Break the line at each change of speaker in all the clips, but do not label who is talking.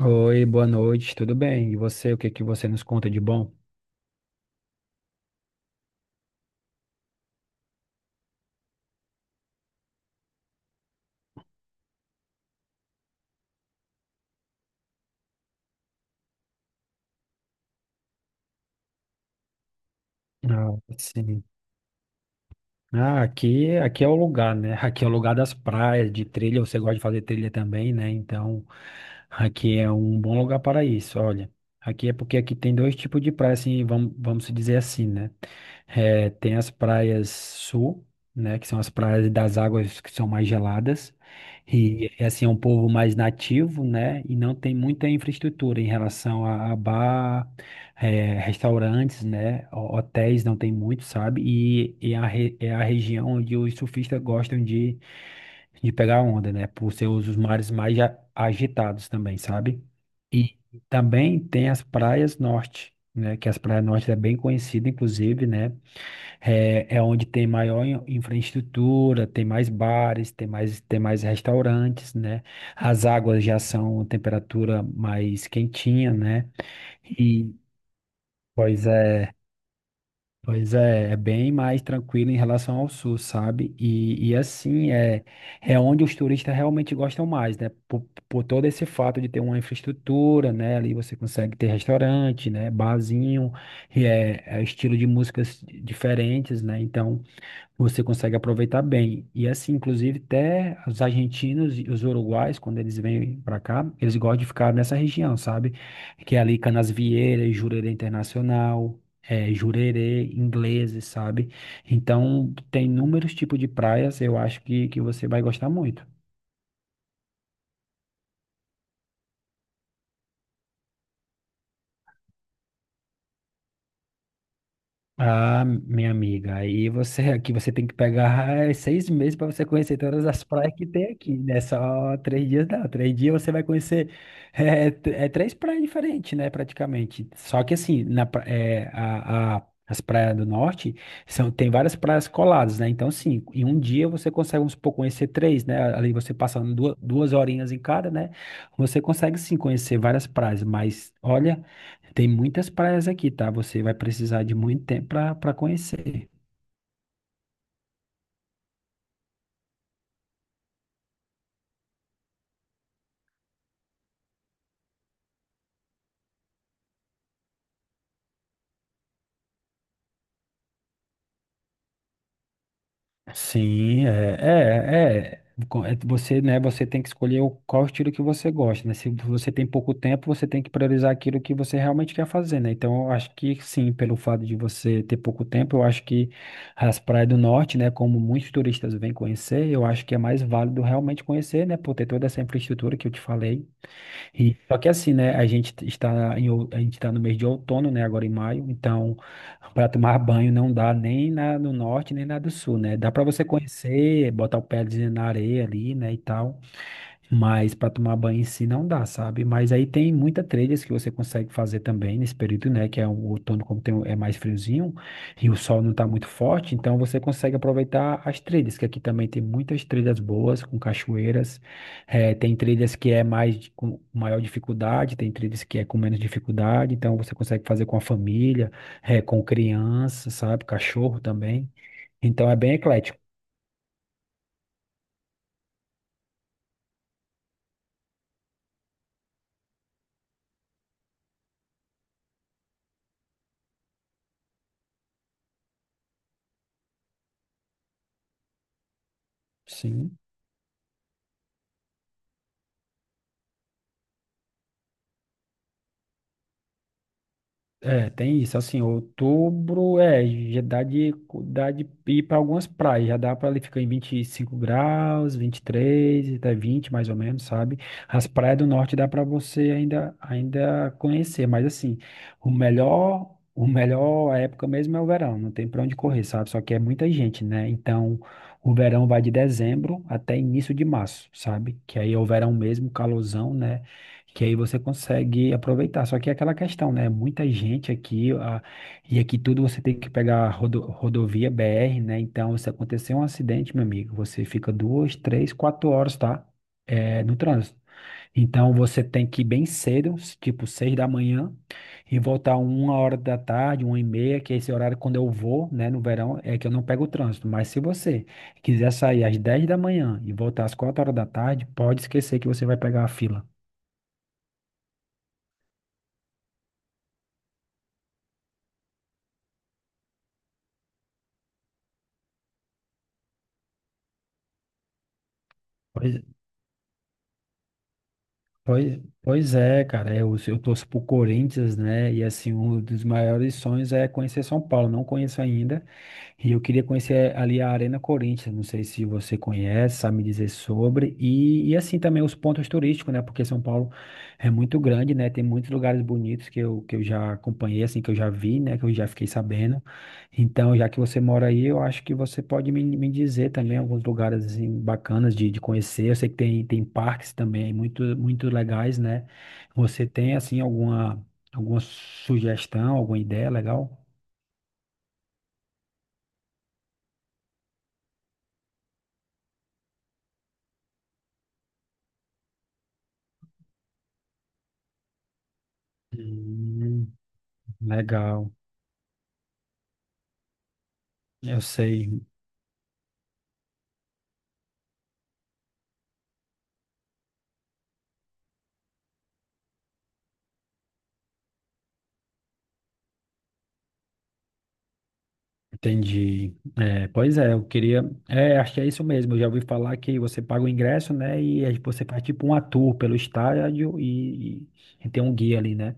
Oi, boa noite, tudo bem? E você, o que que você nos conta de bom? Ah, sim. Ah, aqui é o lugar, né? Aqui é o lugar das praias, de trilha. Você gosta de fazer trilha também, né? Então, aqui é um bom lugar para isso. Olha, aqui é porque aqui tem dois tipos de praia, assim, vamos se dizer assim, né? Tem as praias sul, né? Que são as praias das águas que são mais geladas. E, assim, é um povo mais nativo, né? E não tem muita infraestrutura em relação a bar. É, restaurantes, né? Hotéis não tem muito, sabe? E a é a região onde os surfistas gostam de pegar onda, né? Por ser os mares mais agitados também, sabe? E também tem as praias norte, né? Que as praias norte é bem conhecida, inclusive, né? É, é onde tem maior infraestrutura, tem mais bares, tem mais restaurantes, né? As águas já são temperatura mais quentinha, né? E, pois é. Pois é, é bem mais tranquilo em relação ao sul, sabe? E assim, é, é onde os turistas realmente gostam mais, né? Por todo esse fato de ter uma infraestrutura, né? Ali você consegue ter restaurante, né? Barzinho, e é, é estilo de músicas diferentes, né? Então, você consegue aproveitar bem. E assim, inclusive, até os argentinos e os uruguais, quando eles vêm para cá, eles gostam de ficar nessa região, sabe? Que é ali Canasvieiras, Jurerê Internacional, Jurerê, ingleses, sabe? Então, tem inúmeros tipos de praias, eu acho que você vai gostar muito. Ah, minha amiga, aí você aqui você tem que pegar seis meses para você conhecer todas as praias que tem aqui, né? Só três dias não. Três dias você vai conhecer três praias diferentes, né? Praticamente. Só que assim, na, pra- é, a- as praias do norte são, tem várias praias coladas, né? Então, sim, em um dia você consegue, vamos supor, conhecer três, né? Ali você passando duas horinhas em cada, né? Você consegue sim conhecer várias praias, mas olha. Tem muitas praias aqui, tá? Você vai precisar de muito tempo para conhecer. Sim, é, é, é. Você, né, você tem que escolher qual estilo que você gosta, né? Se você tem pouco tempo, você tem que priorizar aquilo que você realmente quer fazer, né? Então, eu acho que sim, pelo fato de você ter pouco tempo, eu acho que as praias do norte, né, como muitos turistas vêm conhecer, eu acho que é mais válido realmente conhecer, né, por ter toda essa infraestrutura que eu te falei. E, só que assim, né? A gente está em, a gente está no mês de outono, né? Agora em maio, então para tomar banho não dá nem na, no norte nem na do sul, né? Dá para você conhecer, botar o pezinho na areia ali, né? E tal. Mas para tomar banho em si não dá, sabe? Mas aí tem muita trilhas que você consegue fazer também nesse período, né? Que é o outono, como tem, é mais friozinho e o sol não tá muito forte, então você consegue aproveitar as trilhas, que aqui também tem muitas trilhas boas, com cachoeiras. Tem trilhas que é mais com maior dificuldade, tem trilhas que é com menos dificuldade, então você consegue fazer com a família, com criança, sabe? Cachorro também. Então é bem eclético. Sim. É, tem isso, assim, outubro, é, já dá de, dá de ir para algumas praias, já dá para ele ficar em 25 graus, 23 até 20 mais ou menos, sabe? As praias do norte dá para você ainda conhecer, mas assim, o melhor época mesmo é o verão, não tem para onde correr, sabe? Só que é muita gente, né? Então, o verão vai de dezembro até início de março, sabe? Que aí é o verão mesmo, calorzão, né? Que aí você consegue aproveitar. Só que é aquela questão, né? Muita gente aqui, e aqui tudo você tem que pegar rodovia BR, né? Então, se acontecer um acidente, meu amigo, você fica duas, três, quatro horas, tá? É, no trânsito. Então, você tem que ir bem cedo, tipo seis da manhã, e voltar uma hora da tarde, uma e meia, que é esse horário quando eu vou, né, no verão, é que eu não pego o trânsito. Mas se você quiser sair às 10 da manhã e voltar às 4 horas da tarde, pode esquecer que você vai pegar a fila. Pois é, cara, é, eu torço pro Corinthians, né? E assim, um dos maiores sonhos é conhecer São Paulo. Não conheço ainda, e eu queria conhecer ali a Arena Corinthians, não sei se você conhece, sabe me dizer sobre, e assim também os pontos turísticos, né? Porque São Paulo é muito grande, né? Tem muitos lugares bonitos que eu já acompanhei, assim, que eu já vi, né? Que eu já fiquei sabendo. Então, já que você mora aí, eu acho que você pode me dizer também alguns lugares, assim, bacanas de conhecer. Eu sei que tem, tem parques também muito legais, né? Você tem, assim, alguma sugestão, alguma ideia legal? Hum, legal. Eu sei, entendi. É, pois é, eu queria. É, acho que é isso mesmo. Eu já ouvi falar que você paga o ingresso, né? E aí você faz tipo um tour pelo estádio e tem um guia ali, né?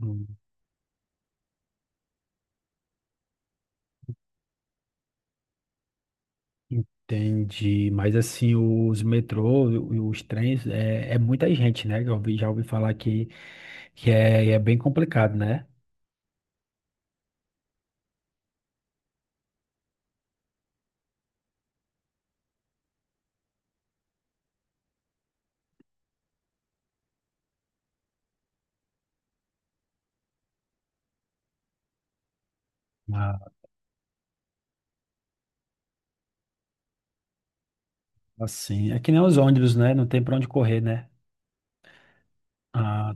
Hum, entendi. Mas assim, os metrôs e os trens, é, é muita gente, né? Já ouvi falar que é, é bem complicado, né? Ah, assim, é que nem os ônibus, né? Não tem pra onde correr, né? Ah,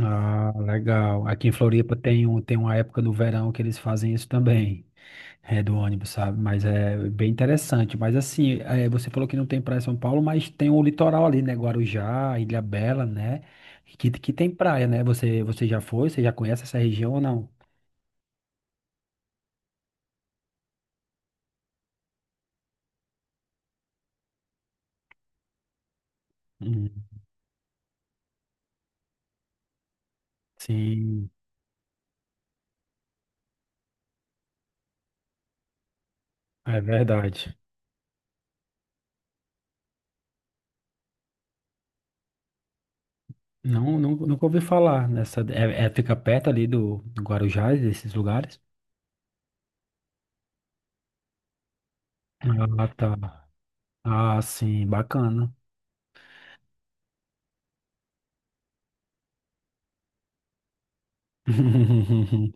ah, legal. Aqui em Floripa tem, um, tem uma época do verão que eles fazem isso também, é do ônibus, sabe? Mas é bem interessante. Mas assim, é, você falou que não tem praia em São Paulo, mas tem o litoral ali, né? Guarujá, Ilha Bela, né? Que tem praia, né? Você já foi? Você já conhece essa região ou não? Hum, sim, é verdade. Não, não, nunca ouvi falar nessa. Fica perto ali do, do Guarujá, desses lugares. Ah, tá. Ah, sim, bacana.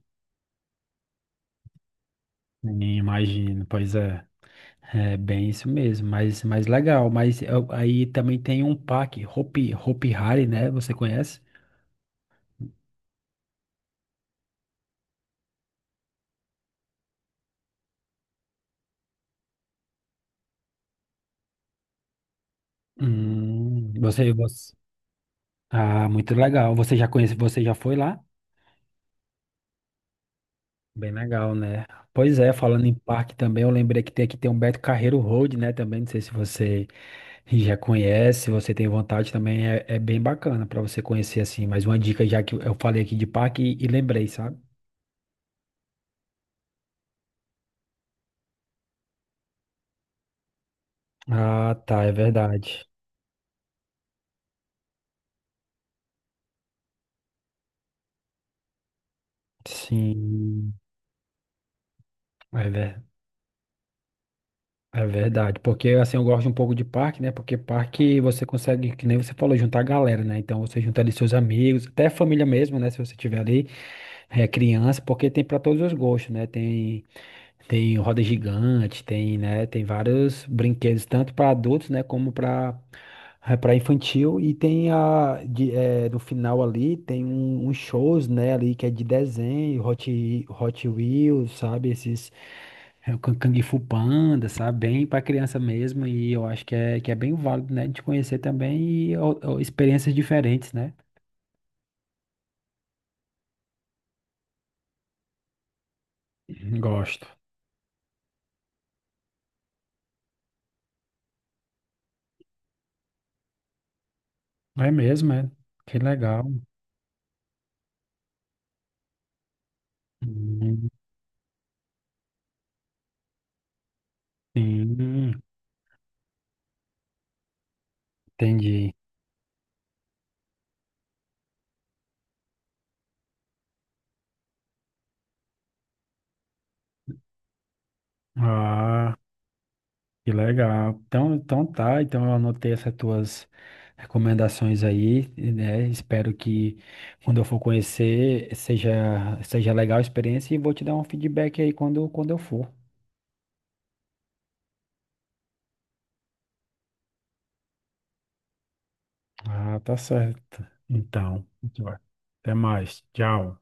Sim, imagino, pois é. É bem isso mesmo, mas legal. Aí também tem um parque Hopi Hari, né? Você conhece? Você. Ah, muito legal. Você já conhece, você já foi lá? Bem legal, né? Pois é, falando em parque também, eu lembrei que tem aqui tem um Beto Carreiro Road, né? Também, não sei se você já conhece, se você tem vontade também, é, é bem bacana para você conhecer assim. Mas uma dica já que eu falei aqui de parque e lembrei, sabe? Ah, tá, é verdade. Sim, é, ver- é verdade. Porque assim, eu gosto um pouco de parque, né? Porque parque você consegue, que nem você falou, juntar a galera, né? Então você junta ali seus amigos, até a família mesmo, né? Se você tiver ali, é, criança, porque tem para todos os gostos, né? Tem, tem roda gigante, tem, né? Tem vários brinquedos, tanto para adultos, né? Como para é para infantil e tem a de, eh, no final ali tem um, uns shows né ali que é de desenho Hot Wheels sabe esses é, o Kung Fu Panda sabe bem para criança mesmo e eu acho que é bem válido né de conhecer também e ó, experiências diferentes né gosto é mesmo é que legal Hum, sim entendi ah Que legal. Então, então tá, então eu anotei essas tuas recomendações aí, né? Espero que quando eu for conhecer seja, seja legal a experiência e vou te dar um feedback aí quando eu for. Ah, tá certo. Então, muito até mais. Tchau.